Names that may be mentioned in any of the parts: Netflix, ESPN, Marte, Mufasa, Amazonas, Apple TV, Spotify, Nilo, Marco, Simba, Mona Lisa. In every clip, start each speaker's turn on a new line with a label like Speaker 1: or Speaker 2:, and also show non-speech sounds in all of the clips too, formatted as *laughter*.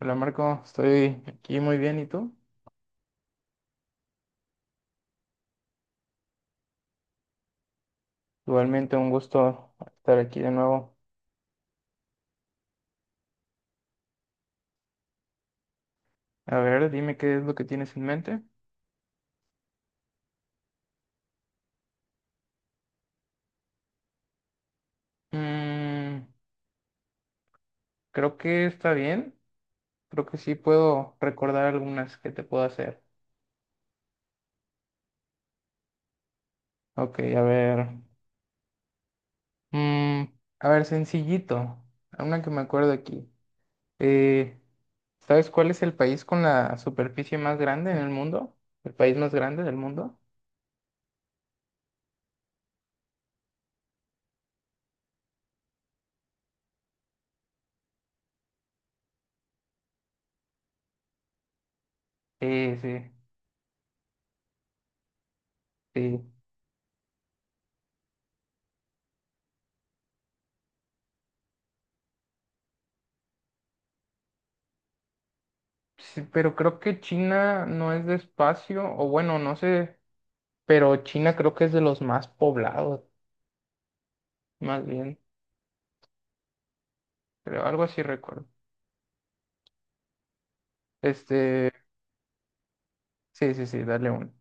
Speaker 1: Hola Marco, estoy aquí muy bien, ¿y tú? Igualmente un gusto estar aquí de nuevo. A ver, dime qué es lo que tienes en mente. Mm, creo que está bien, creo que sí puedo recordar algunas que te puedo hacer. Ok, a ver. Mm, a ver, sencillito, una que me acuerdo aquí. Eh, ¿Sabes cuál es el país con la superficie más grande en el mundo? ¿El país más grande del mundo? Sí, sí. Sí, pero creo que China no es de espacio, o bueno, no sé, pero China creo que es de los más poblados, más bien, creo, algo así recuerdo. Este, sí, sí, sí, dale uno.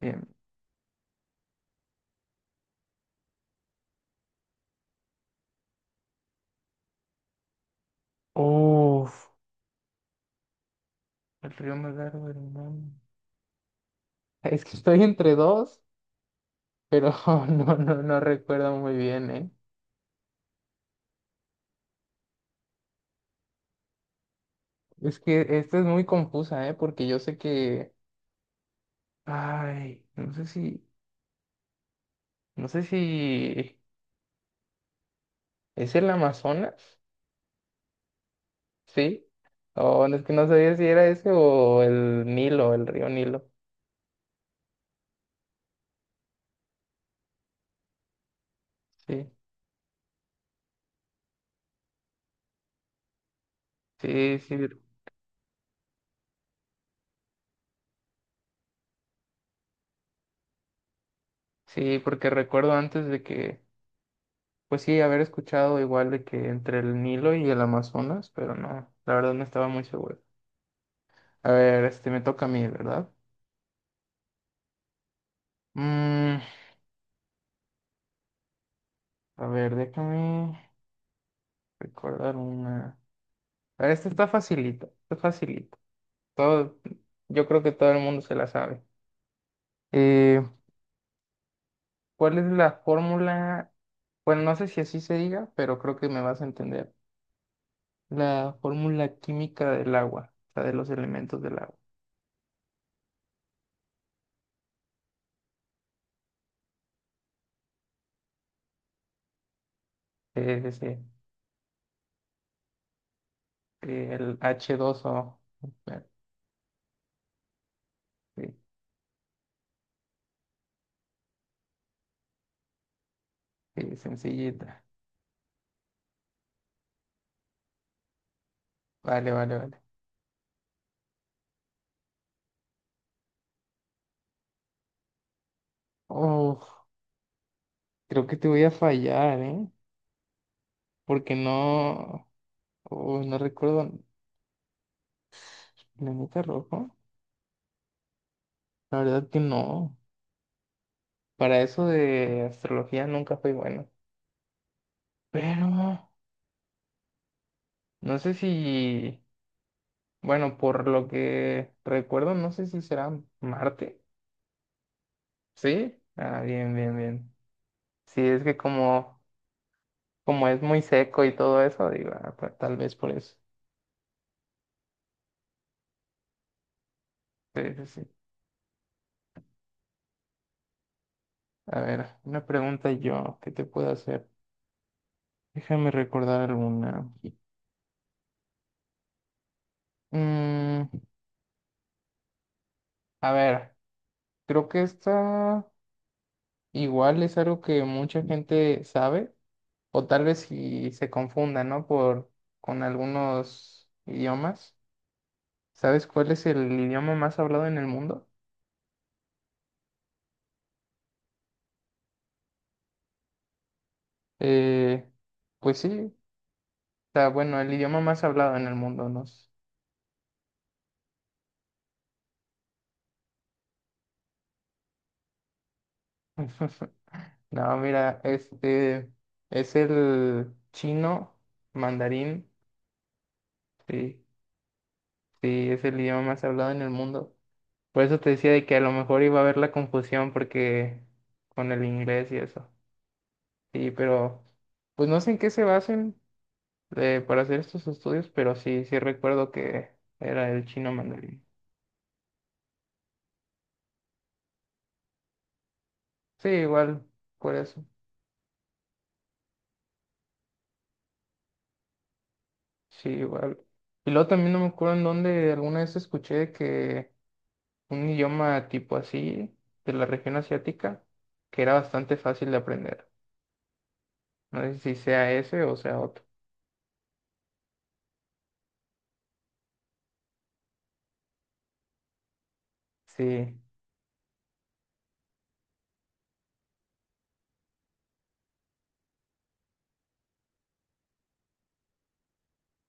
Speaker 1: Bien. Uf, el río más largo del mundo. Es que estoy entre dos, pero *laughs* no, no, no recuerdo muy bien, ¿eh? Es que esta es muy confusa, ¿eh? Porque yo sé que, ay, no sé si es el Amazonas. Sí, o no es que no sabía si era ese o el Nilo, el río Nilo. Sí, sí, sí, sí, porque recuerdo antes de que, pues sí, haber escuchado igual de que entre el Nilo y el Amazonas, pero no, la verdad no estaba muy seguro. A ver, este me toca a mí, ¿verdad? Mm, a ver, déjame recordar una. A ver, esta está facilita, está facilita. Todo, yo creo que todo el mundo se la sabe. Eh, ¿Cuál es la fórmula? Bueno, no sé si así se diga, pero creo que me vas a entender. La fórmula química del agua, o sea, de los elementos del agua. Es ese, el H2O. Bueno, sí, sí, sencillita. Vale, vale, vale. Oh, creo que te voy a fallar, ¿eh? Porque no, oh, no recuerdo planeta rojo. La verdad que no. Para eso de astrología nunca fui bueno. Pero no sé si. Bueno, por lo que recuerdo, no sé si será Marte. ¿Sí? Ah, bien, bien, bien. Sí, es que como, como es muy seco y todo eso, digo, ah, pues, tal vez por eso. Sí, sí, sí. A ver, una pregunta yo, ¿qué te puedo hacer? Déjame recordar una. Mm, a ver, creo que esta igual es algo que mucha gente sabe, o tal vez si se confunda, ¿no? Por, con algunos idiomas. ¿Sabes cuál es el idioma más hablado en el mundo? Eh, pues sí, o sea, bueno, el idioma más hablado en el mundo, no sé. *laughs* No, mira, este es el chino mandarín, sí, sí, es el idioma más hablado en el mundo. Por eso te decía de que a lo mejor iba a haber la confusión porque con el inglés y eso. Sí, pero pues no sé en qué se basen para hacer estos estudios, pero sí, sí recuerdo que era el chino mandarín. Sí, igual, por eso. Sí, igual. Y luego también no me acuerdo en dónde alguna vez escuché que un idioma tipo así, de la región asiática, que era bastante fácil de aprender. No sé si sea ese o sea otro. Sí.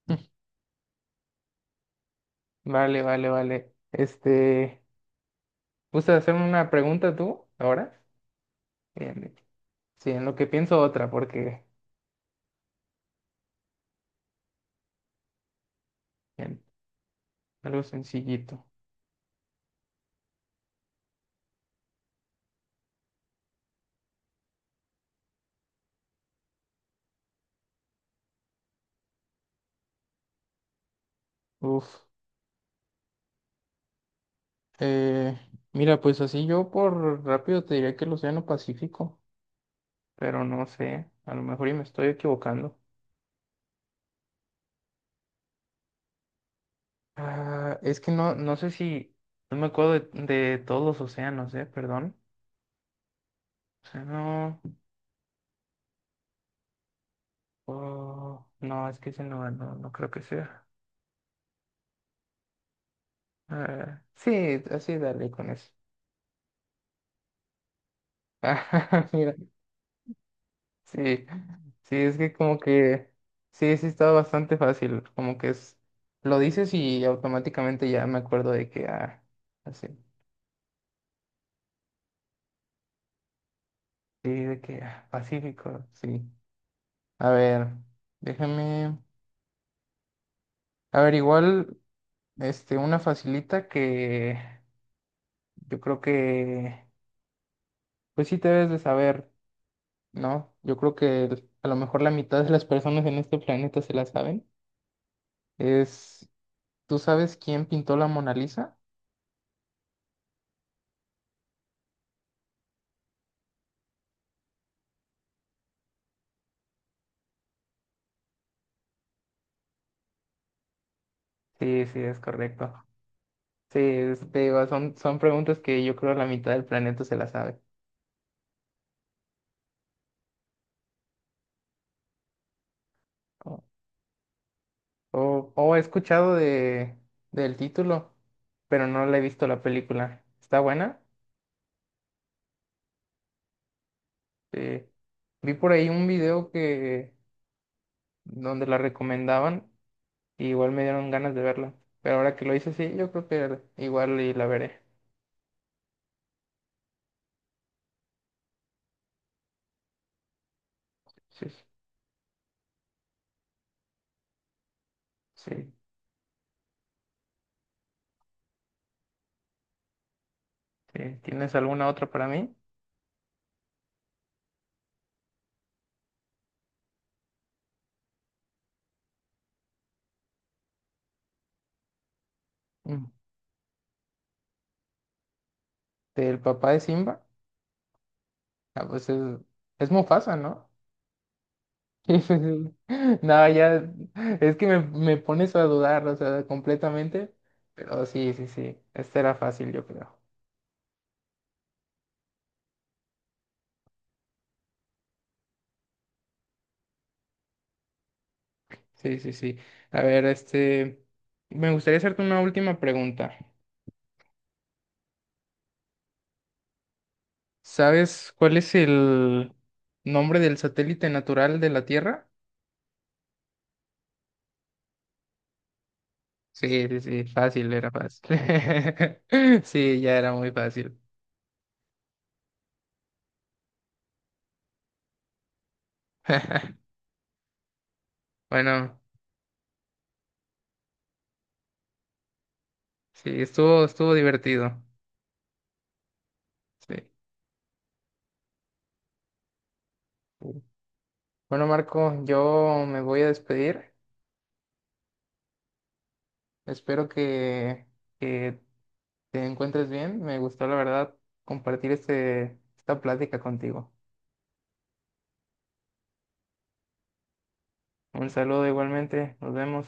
Speaker 1: *laughs* Vale, vale, vale. Este, ¿gustas hacerme una pregunta tú ahora? Bien, bien. Sí, en lo que pienso otra, porque bien, algo sencillito. Uf. Eh, mira, pues así yo por rápido te diría que el Océano Pacífico, pero no sé, a lo mejor y me estoy equivocando. Ah, es que no, no sé si, no me acuerdo de todos los océanos, ¿eh? Perdón. O sea, no, oh, no, es que ese no, no, no creo que sea. Ah, sí, así dale con eso. *laughs* Ah, mira, sí, sí, es que como que, sí, sí estaba bastante fácil, como que es, lo dices y automáticamente ya me acuerdo de que, ah, así, sí, de que, ah, Pacífico, sí. A ver, déjame. A ver, igual, este, una facilita que yo creo que, pues sí te debes de saber, ¿no? Yo creo que el- a lo mejor la mitad de las personas en este planeta se la saben. Es, ¿tú sabes quién pintó la Mona Lisa? Sí, sí, es correcto. Sí, es- te digo son, son preguntas que yo creo la mitad del planeta se las sabe. O, o he escuchado de, del título, pero no le he visto la película. ¿Está buena? Sí. Vi por ahí un video que donde la recomendaban y igual me dieron ganas de verla. Pero ahora que lo hice, sí, yo creo que igual y la veré. Sí, sí, sí. ¿Tienes alguna otra para mí? Mm. ¿Del papá de Simba? Ah, pues es Mufasa, ¿no? *laughs* Sí, pues, es- No, ya, es que me pones a dudar, o sea, completamente. Pero sí, sí, sí, esta era fácil, yo creo. Sí, sí, sí. A ver, este, me gustaría hacerte una última pregunta. ¿Sabes cuál es el nombre del satélite natural de la Tierra? Sí, sí, sí, fácil, era fácil. *laughs* Sí, ya era muy fácil. *laughs* Bueno, sí, estuvo, estuvo divertido. Sí. Sí. Bueno, Marco, yo me voy a despedir. Espero que te encuentres bien. Me gustó, la verdad, compartir este, esta plática contigo. Un saludo igualmente. Nos vemos.